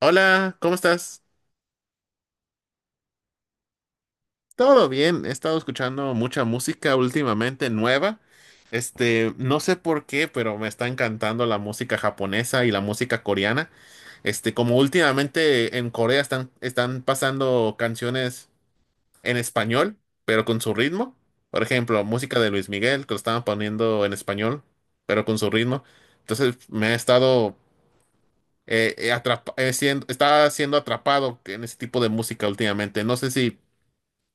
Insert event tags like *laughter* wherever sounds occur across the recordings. Hola, ¿cómo estás? Todo bien, he estado escuchando mucha música últimamente nueva. Este, no sé por qué, pero me está encantando la música japonesa y la música coreana. Este, como últimamente en Corea están pasando canciones en español, pero con su ritmo. Por ejemplo, música de Luis Miguel, que lo estaban poniendo en español, pero con su ritmo. Entonces me he estado estaba siendo atrapado en ese tipo de música últimamente. No sé si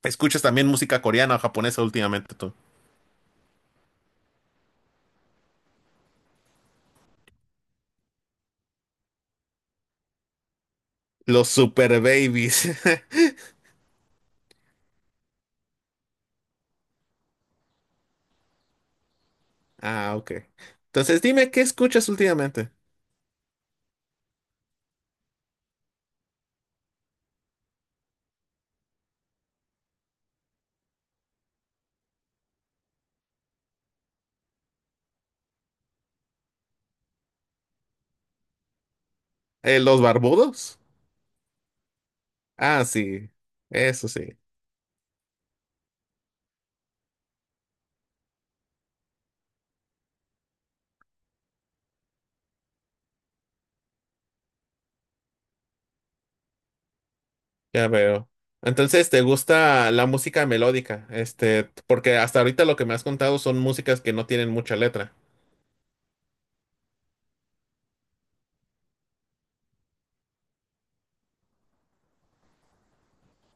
escuchas también música coreana o japonesa últimamente tú. Los Super Babies. *laughs* Ah, ok. Entonces dime, ¿qué escuchas últimamente? ¿Los barbudos? Ah, sí. Eso sí. Ya veo. Entonces, ¿te gusta la música melódica? Este, porque hasta ahorita lo que me has contado son músicas que no tienen mucha letra.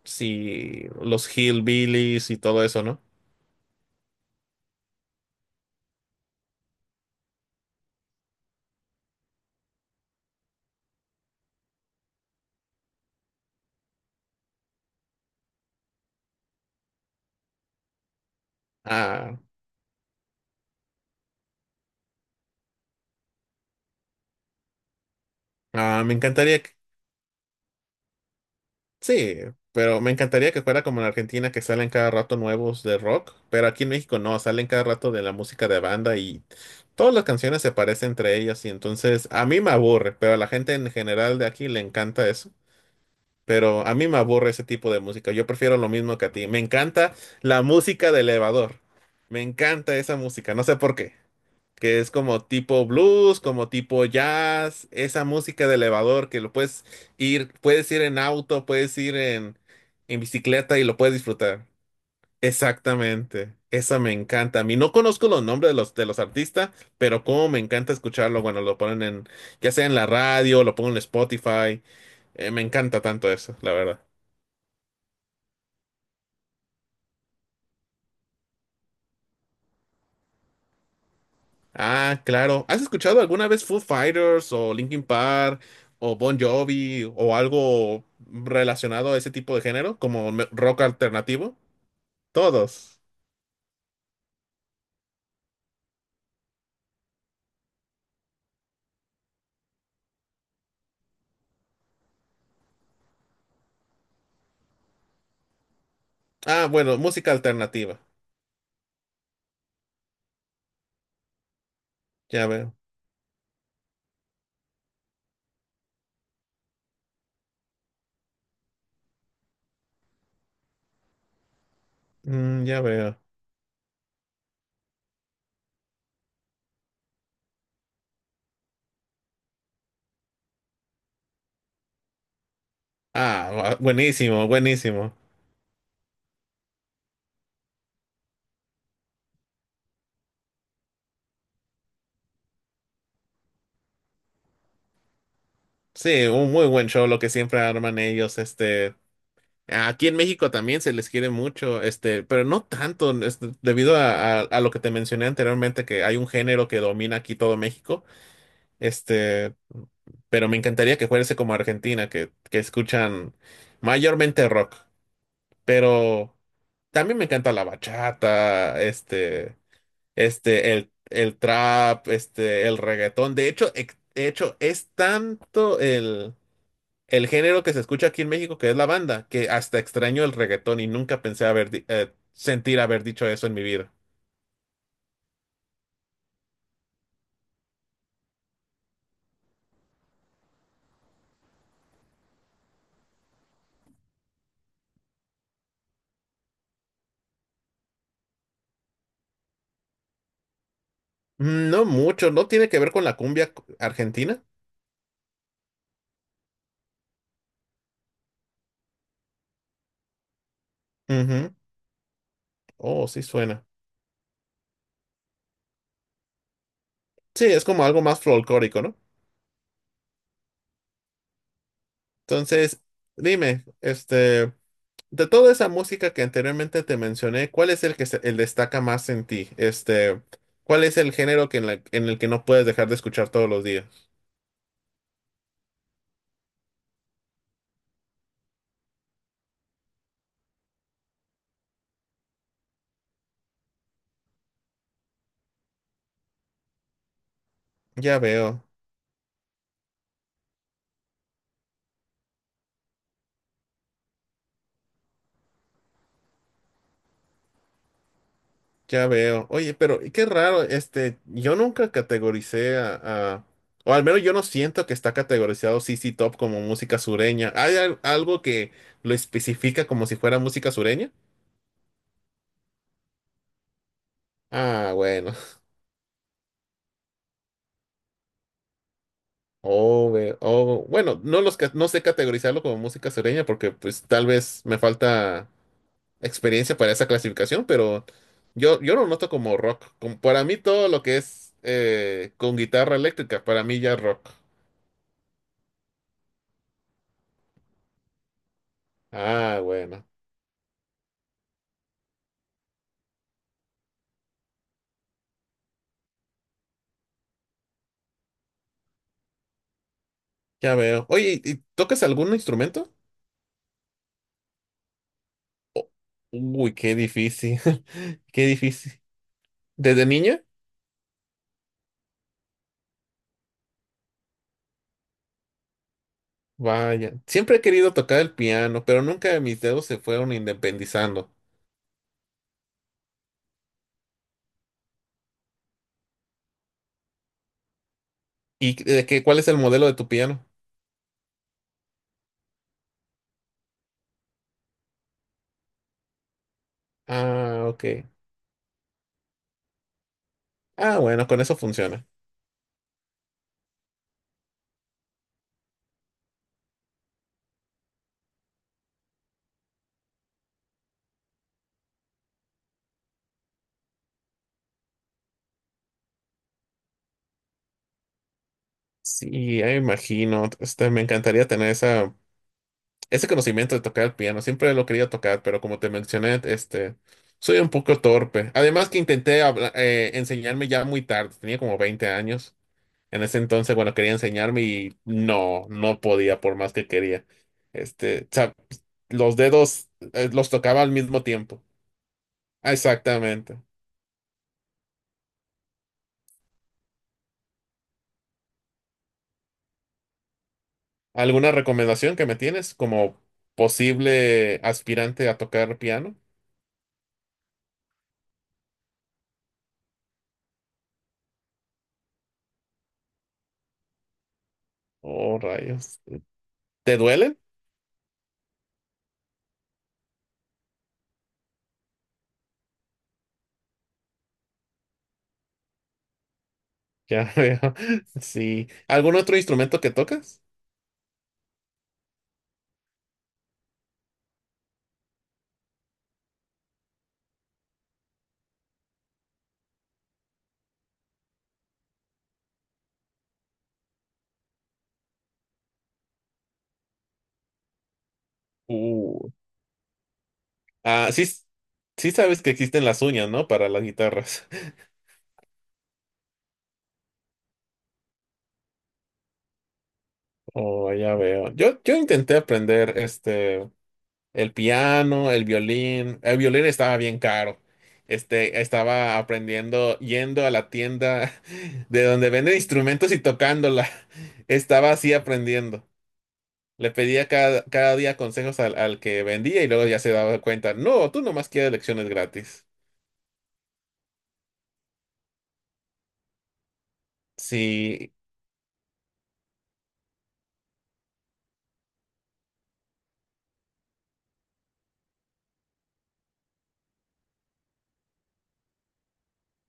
Sí, los hillbillies y todo eso, ¿no? Ah, ah, me encantaría. Sí, pero me encantaría que fuera como en Argentina, que salen cada rato nuevos de rock, pero aquí en México no, salen cada rato de la música de banda, y todas las canciones se parecen entre ellas, y entonces a mí me aburre, pero a la gente en general de aquí le encanta eso. Pero a mí me aburre ese tipo de música. Yo prefiero lo mismo que a ti, me encanta la música de elevador, me encanta esa música, no sé por qué, que es como tipo blues, como tipo jazz, esa música de elevador, que lo puedes ir en auto, puedes ir en bicicleta, y lo puedes disfrutar. Exactamente, esa me encanta. A mí no conozco los nombres de los artistas, pero como me encanta escucharlo cuando lo ponen en, ya sea en la radio, lo pongo en Spotify. Me encanta tanto eso, la verdad. Ah, claro. ¿Has escuchado alguna vez Foo Fighters o Linkin Park o Bon Jovi o algo relacionado a ese tipo de género, rock alternativo? Todos. Ah, bueno, música alternativa. Ya veo. Ya veo. Ah, buenísimo, buenísimo. Sí, un muy buen show lo que siempre arman ellos. Este, aquí en México también se les quiere mucho, este, pero no tanto, este, debido a lo que te mencioné anteriormente, que hay un género que domina aquí todo México. Este, pero me encantaría que fuese como Argentina, que escuchan mayormente rock. Pero también me encanta la bachata, este, el trap, este, el reggaetón. De hecho, de hecho, es tanto el género que se escucha aquí en México, que es la banda, que hasta extraño el reggaetón, y nunca pensé haber, sentir haber dicho eso en mi vida. No mucho, no tiene que ver con la cumbia argentina. Ujú. Oh, sí suena. Sí, es como algo más folclórico, ¿no? Entonces, dime, este, de toda esa música que anteriormente te mencioné, ¿cuál es el que el destaca más en ti? Este, ¿cuál es el género que en, en el que no puedes dejar de escuchar todos los días? Ya veo, ya veo. Oye, pero qué raro, este, yo nunca categoricé o al menos yo no siento que está categorizado CC Top como música sureña. ¿Hay algo que lo especifica como si fuera música sureña? Ah, bueno. O, bueno, no los no sé categorizarlo como música sureña porque pues tal vez me falta experiencia para esa clasificación, pero yo lo noto como rock. Como para mí todo lo que es con guitarra eléctrica, para mí ya es rock. Ah, bueno, ya veo. Oye, ¿y tocas algún instrumento? Uy, qué difícil, *laughs* qué difícil. ¿Desde niña? Vaya, siempre he querido tocar el piano, pero nunca mis dedos se fueron independizando. ¿Y de qué, cuál es el modelo de tu piano? Ah, ok. Ah, bueno, con eso funciona. Sí, ya me imagino. Este, me encantaría tener esa, ese conocimiento de tocar el piano. Siempre lo quería tocar, pero como te mencioné, este, soy un poco torpe. Además que intenté enseñarme ya muy tarde. Tenía como 20 años. En ese entonces, bueno, quería enseñarme y no, no podía por más que quería. Este, o sea, los dedos, los tocaba al mismo tiempo. Ah, exactamente. ¿Alguna recomendación que me tienes como posible aspirante a tocar piano? Oh, rayos. ¿Te duelen? Ya *laughs* veo. Sí. ¿Algún otro instrumento que tocas? Uh. Ah, sí, sí sabes que existen las uñas, ¿no? Para las guitarras. *laughs* Oh, ya veo. Yo intenté aprender este. El piano, el violín. El violín estaba bien caro. Este, estaba aprendiendo, yendo a la tienda *laughs* de donde venden instrumentos y tocándola. *laughs* Estaba así aprendiendo. Le pedía cada día consejos al que vendía, y luego ya se daba cuenta. No, tú nomás quieres lecciones gratis. Sí,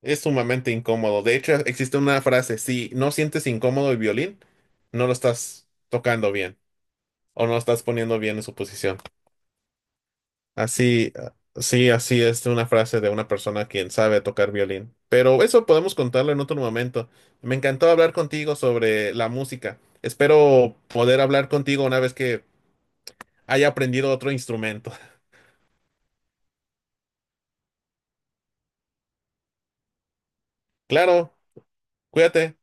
es sumamente incómodo. De hecho, existe una frase: si no sientes incómodo el violín, no lo estás tocando bien, o no lo estás poniendo bien en su posición. Así, sí, así es una frase de una persona quien sabe tocar violín. Pero eso podemos contarlo en otro momento. Me encantó hablar contigo sobre la música. Espero poder hablar contigo una vez que haya aprendido otro instrumento. *laughs* Claro, cuídate.